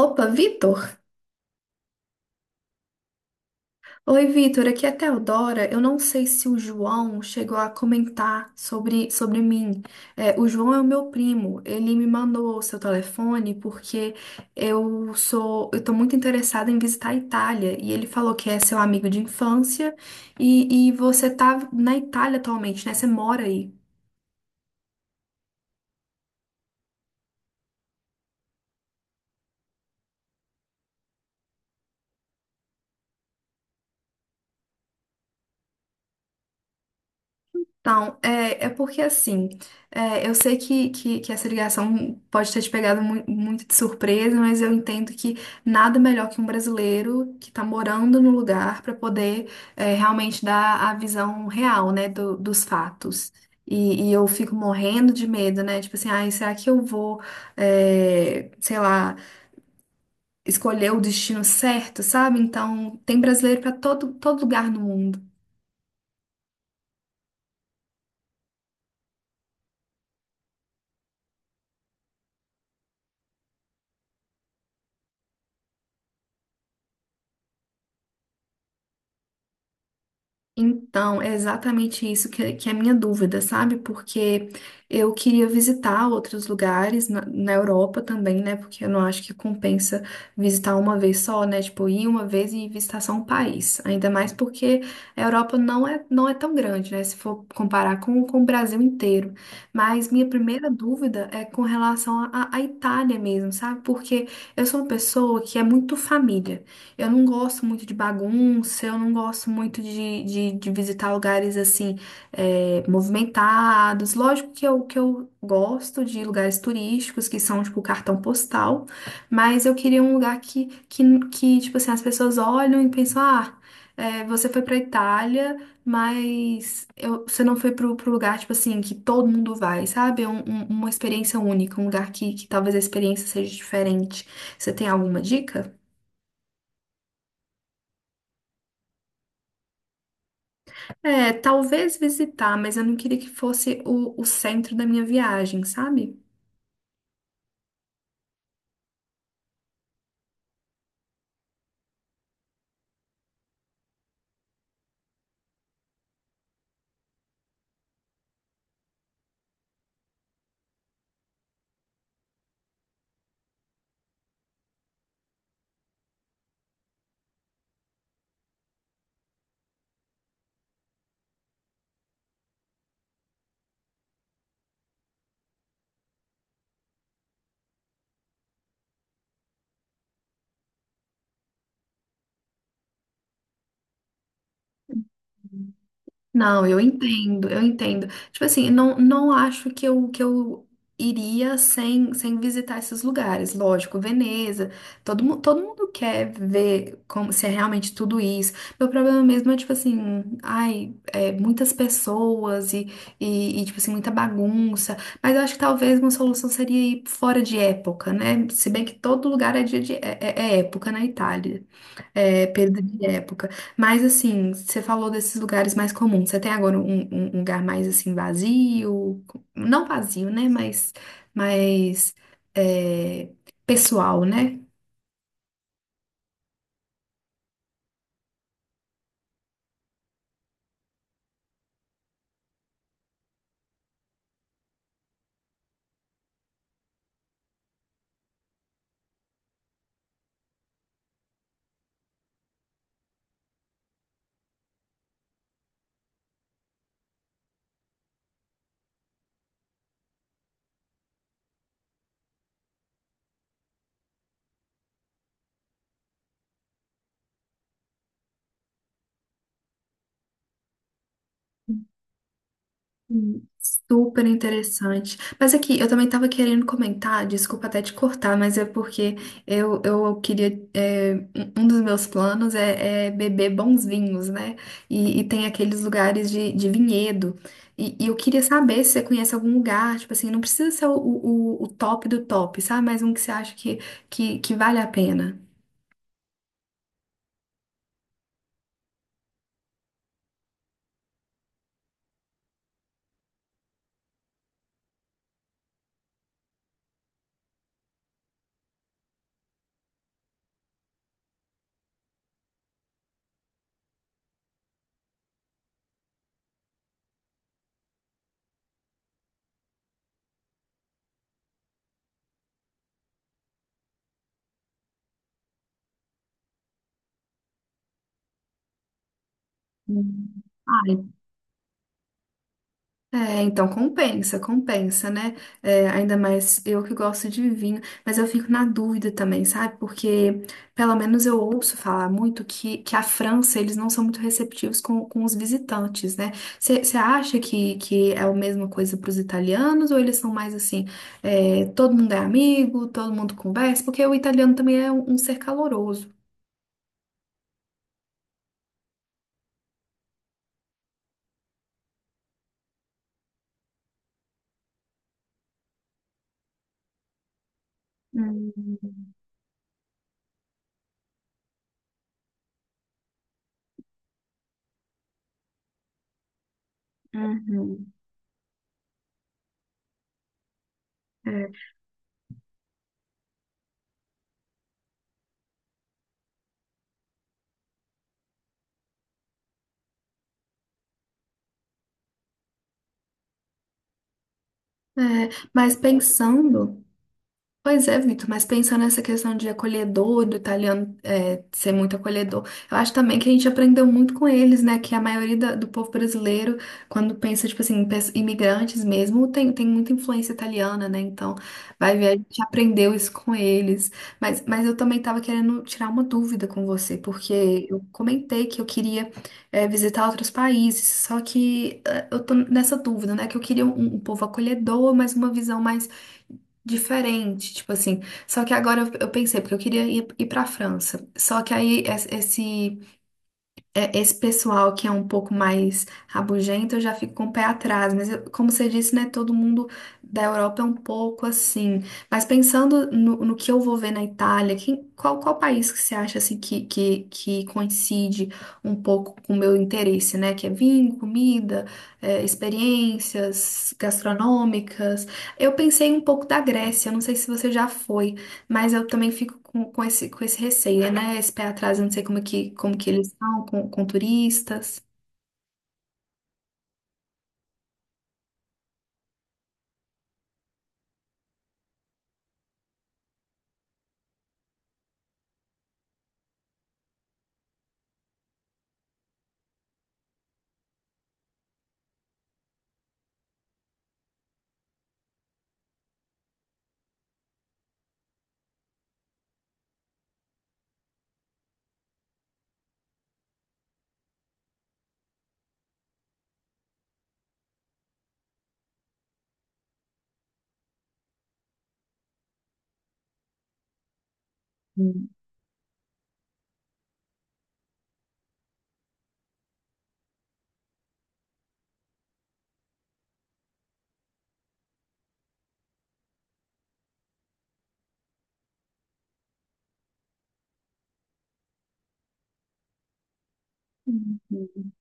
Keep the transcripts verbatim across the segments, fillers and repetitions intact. Opa, Vitor! Oi, Vitor, aqui é a Teodora. Eu não sei se o João chegou a comentar sobre, sobre mim. É, o João é o meu primo. Ele me mandou o seu telefone porque eu sou, eu tô muito interessada em visitar a Itália. E ele falou que é seu amigo de infância e, e você tá na Itália atualmente, né? Você mora aí. Então, é, é porque assim, é, eu sei que, que, que essa ligação pode ter te pegado mu- muito de surpresa, mas eu entendo que nada melhor que um brasileiro que está morando no lugar para poder, é, realmente dar a visão real, né, do- dos fatos. E, e eu fico morrendo de medo, né? Tipo assim, ai, será que eu vou, é, sei lá, escolher o destino certo, sabe? Então, tem brasileiro para todo, todo lugar no mundo. Então, é exatamente isso que, que é a minha dúvida, sabe? Porque eu queria visitar outros lugares na, na Europa também, né? Porque eu não acho que compensa visitar uma vez só, né? Tipo, ir uma vez e visitar só um país. Ainda mais porque a Europa não é, não é tão grande, né? Se for comparar com, com o Brasil inteiro. Mas minha primeira dúvida é com relação à à Itália mesmo, sabe? Porque eu sou uma pessoa que é muito família. Eu não gosto muito de bagunça, eu não gosto muito de, de, de visitar lugares assim, é, movimentados. Lógico que eu, que eu gosto de lugares turísticos, que são tipo cartão postal, mas eu queria um lugar que, que, que tipo assim, as pessoas olham e pensam, ah, é, você foi pra Itália, mas eu- você não foi pro, pro lugar, tipo assim, que todo mundo vai, sabe? É um- um- uma experiência única, um lugar que, que talvez a experiência seja diferente. Você tem alguma dica? É, talvez visitar, mas eu não queria que fosse o, o centro da minha viagem, sabe? Não, eu entendo, eu entendo. Tipo assim, não, não acho que eu, que eu iria sem, sem visitar esses lugares. Lógico, Veneza, todo, mu- todo mundo quer ver como se é realmente tudo isso. Meu problema mesmo é, tipo assim, ai, é, muitas pessoas e, e, e, tipo assim, muita bagunça. Mas eu acho que talvez uma solução seria ir fora de época, né? Se bem que todo lugar é, dia de, é é- é época na Itália. É, perda de época. Mas assim, você falou desses lugares mais comuns. Você tem agora um, um- um lugar mais assim vazio, não vazio, né? Mas mais, é, pessoal, né? Hum. Super interessante. Mas aqui, eu também estava querendo comentar, desculpa até te cortar, mas é porque eu, eu queria. é, um um dos meus planos é, é beber bons vinhos, né? E, e tem aqueles lugares de, de vinhedo. E, e eu queria saber se você conhece algum lugar, tipo assim, não precisa ser o, o, o top do top, sabe? Mas um que você acha que, que, que vale a pena. Hum. Ah. É, então compensa, compensa, né? É, ainda mais eu que gosto de vinho, mas eu fico na dúvida também, sabe? Porque pelo menos eu ouço falar muito que, que a França, eles não são muito receptivos com, com os visitantes, né? Você acha que, que é a mesma coisa para os italianos ou eles são mais assim, é, todo mundo é amigo, todo mundo conversa? Porque o italiano também é um, um ser caloroso. Hum. Uhum. É. É, mas pensando. Pois é, Vitor, mas pensando nessa questão de acolhedor, do italiano, é, ser muito acolhedor, eu acho também que a gente aprendeu muito com eles, né? Que a maioria da- do povo brasileiro, quando pensa, tipo assim, em pes- imigrantes mesmo, tem, tem muita influência italiana, né? Então, vai ver, a gente aprendeu isso com eles. Mas, mas eu também estava querendo tirar uma dúvida com você, porque eu comentei que eu queria, é, visitar outros países, só que, é, eu tô nessa dúvida, né? Que eu queria um, um povo acolhedor, mas uma visão mais diferente, tipo assim. Só que agora eu, eu pensei, porque eu queria ir, ir pra França. Só que aí es- esse, é, esse pessoal que é um pouco mais rabugento, eu já fico com o pé atrás. Mas, eu- como você disse, né, todo mundo da Europa é um pouco assim. Mas pensando no, no que eu vou ver na Itália, quem- qual, qual país que você acha assim que, que, que coincide um pouco com o meu interesse, né? Que é vinho, comida, é, experiências gastronômicas. Eu pensei um pouco da Grécia, eu não sei se você já foi. Mas eu também fico com, com esse, com esse receio, né? Esse pé atrás, eu não sei como é que, como que eles são com, com turistas. Hum. Uhum.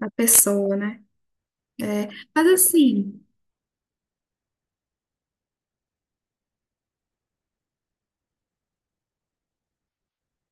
A pessoa, né? É, mas assim.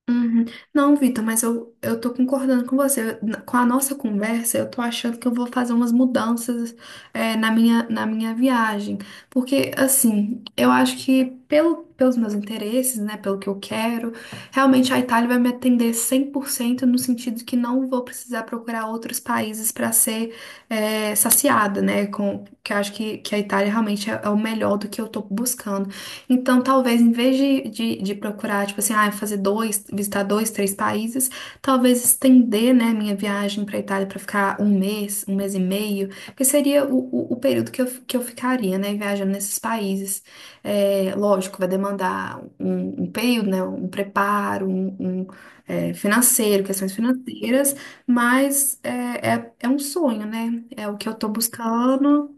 Uhum. Não, Vitor, mas eu, eu tô concordando com você. Na- Com a nossa conversa, eu tô achando que eu vou fazer umas mudanças, é, na minha, na minha viagem. Porque, assim, eu acho que pelo, pelos meus interesses, né, pelo que eu quero, realmente a Itália vai me atender cem por cento no sentido que não vou precisar procurar outros países para ser, é, saciada, né, com, que eu acho que, que a Itália realmente é, é o melhor do que eu tô buscando. Então, talvez em vez de, de, de procurar, tipo assim, ah, fazer dois, visitar dois, três países, talvez estender, né, minha viagem para Itália para ficar um mês, um mês e meio, que seria o, o, o período que eu, que eu ficaria, né, viajando nesses países. É, lógico, vai demandar um, um período, né, um preparo, um, um, é, financeiro, questões financeiras, mas é, é, é um sonho, né, é o que eu tô buscando.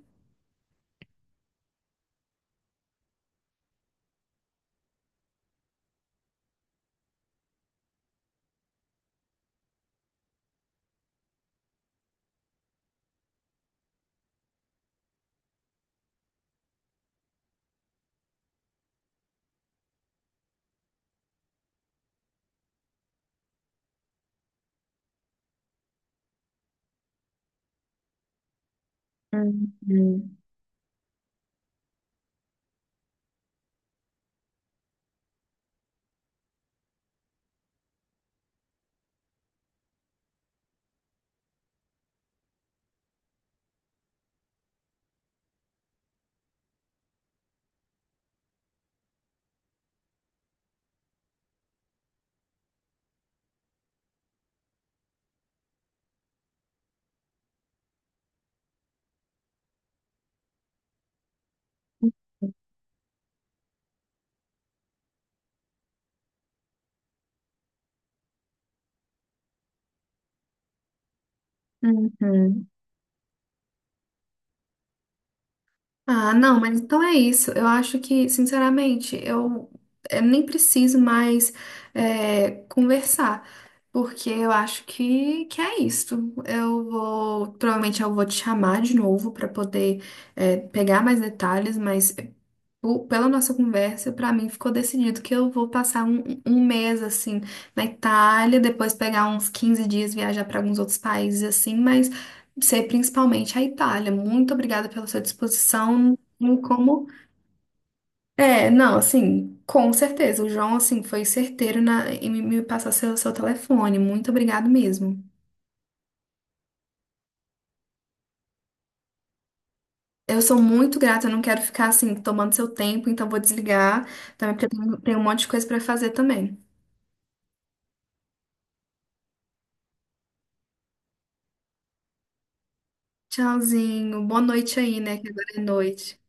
Uhum. Uhum. Ah, não, mas então é isso. Eu acho que, sinceramente, eu, eu nem preciso mais, é, conversar, porque eu acho que, que é isso. Eu vou, provavelmente eu vou te chamar de novo para poder, é, pegar mais detalhes, mas po- pela nossa conversa, para mim ficou decidido que eu vou passar um, um mês assim na Itália, depois pegar uns quinze dias, viajar para alguns outros países assim, mas você, principalmente a Itália. Muito obrigada pela sua disposição. Em Como. É, não, assim, com certeza. O João, assim, foi certeiro na... em me me passar seu, seu telefone. Muito obrigado mesmo. Eu sou muito grata, eu não quero ficar, assim, tomando seu tempo, então vou desligar também, porque eu tenho tenho um monte de coisa para fazer também. Tchauzinho. Boa noite aí, né? Que agora é noite.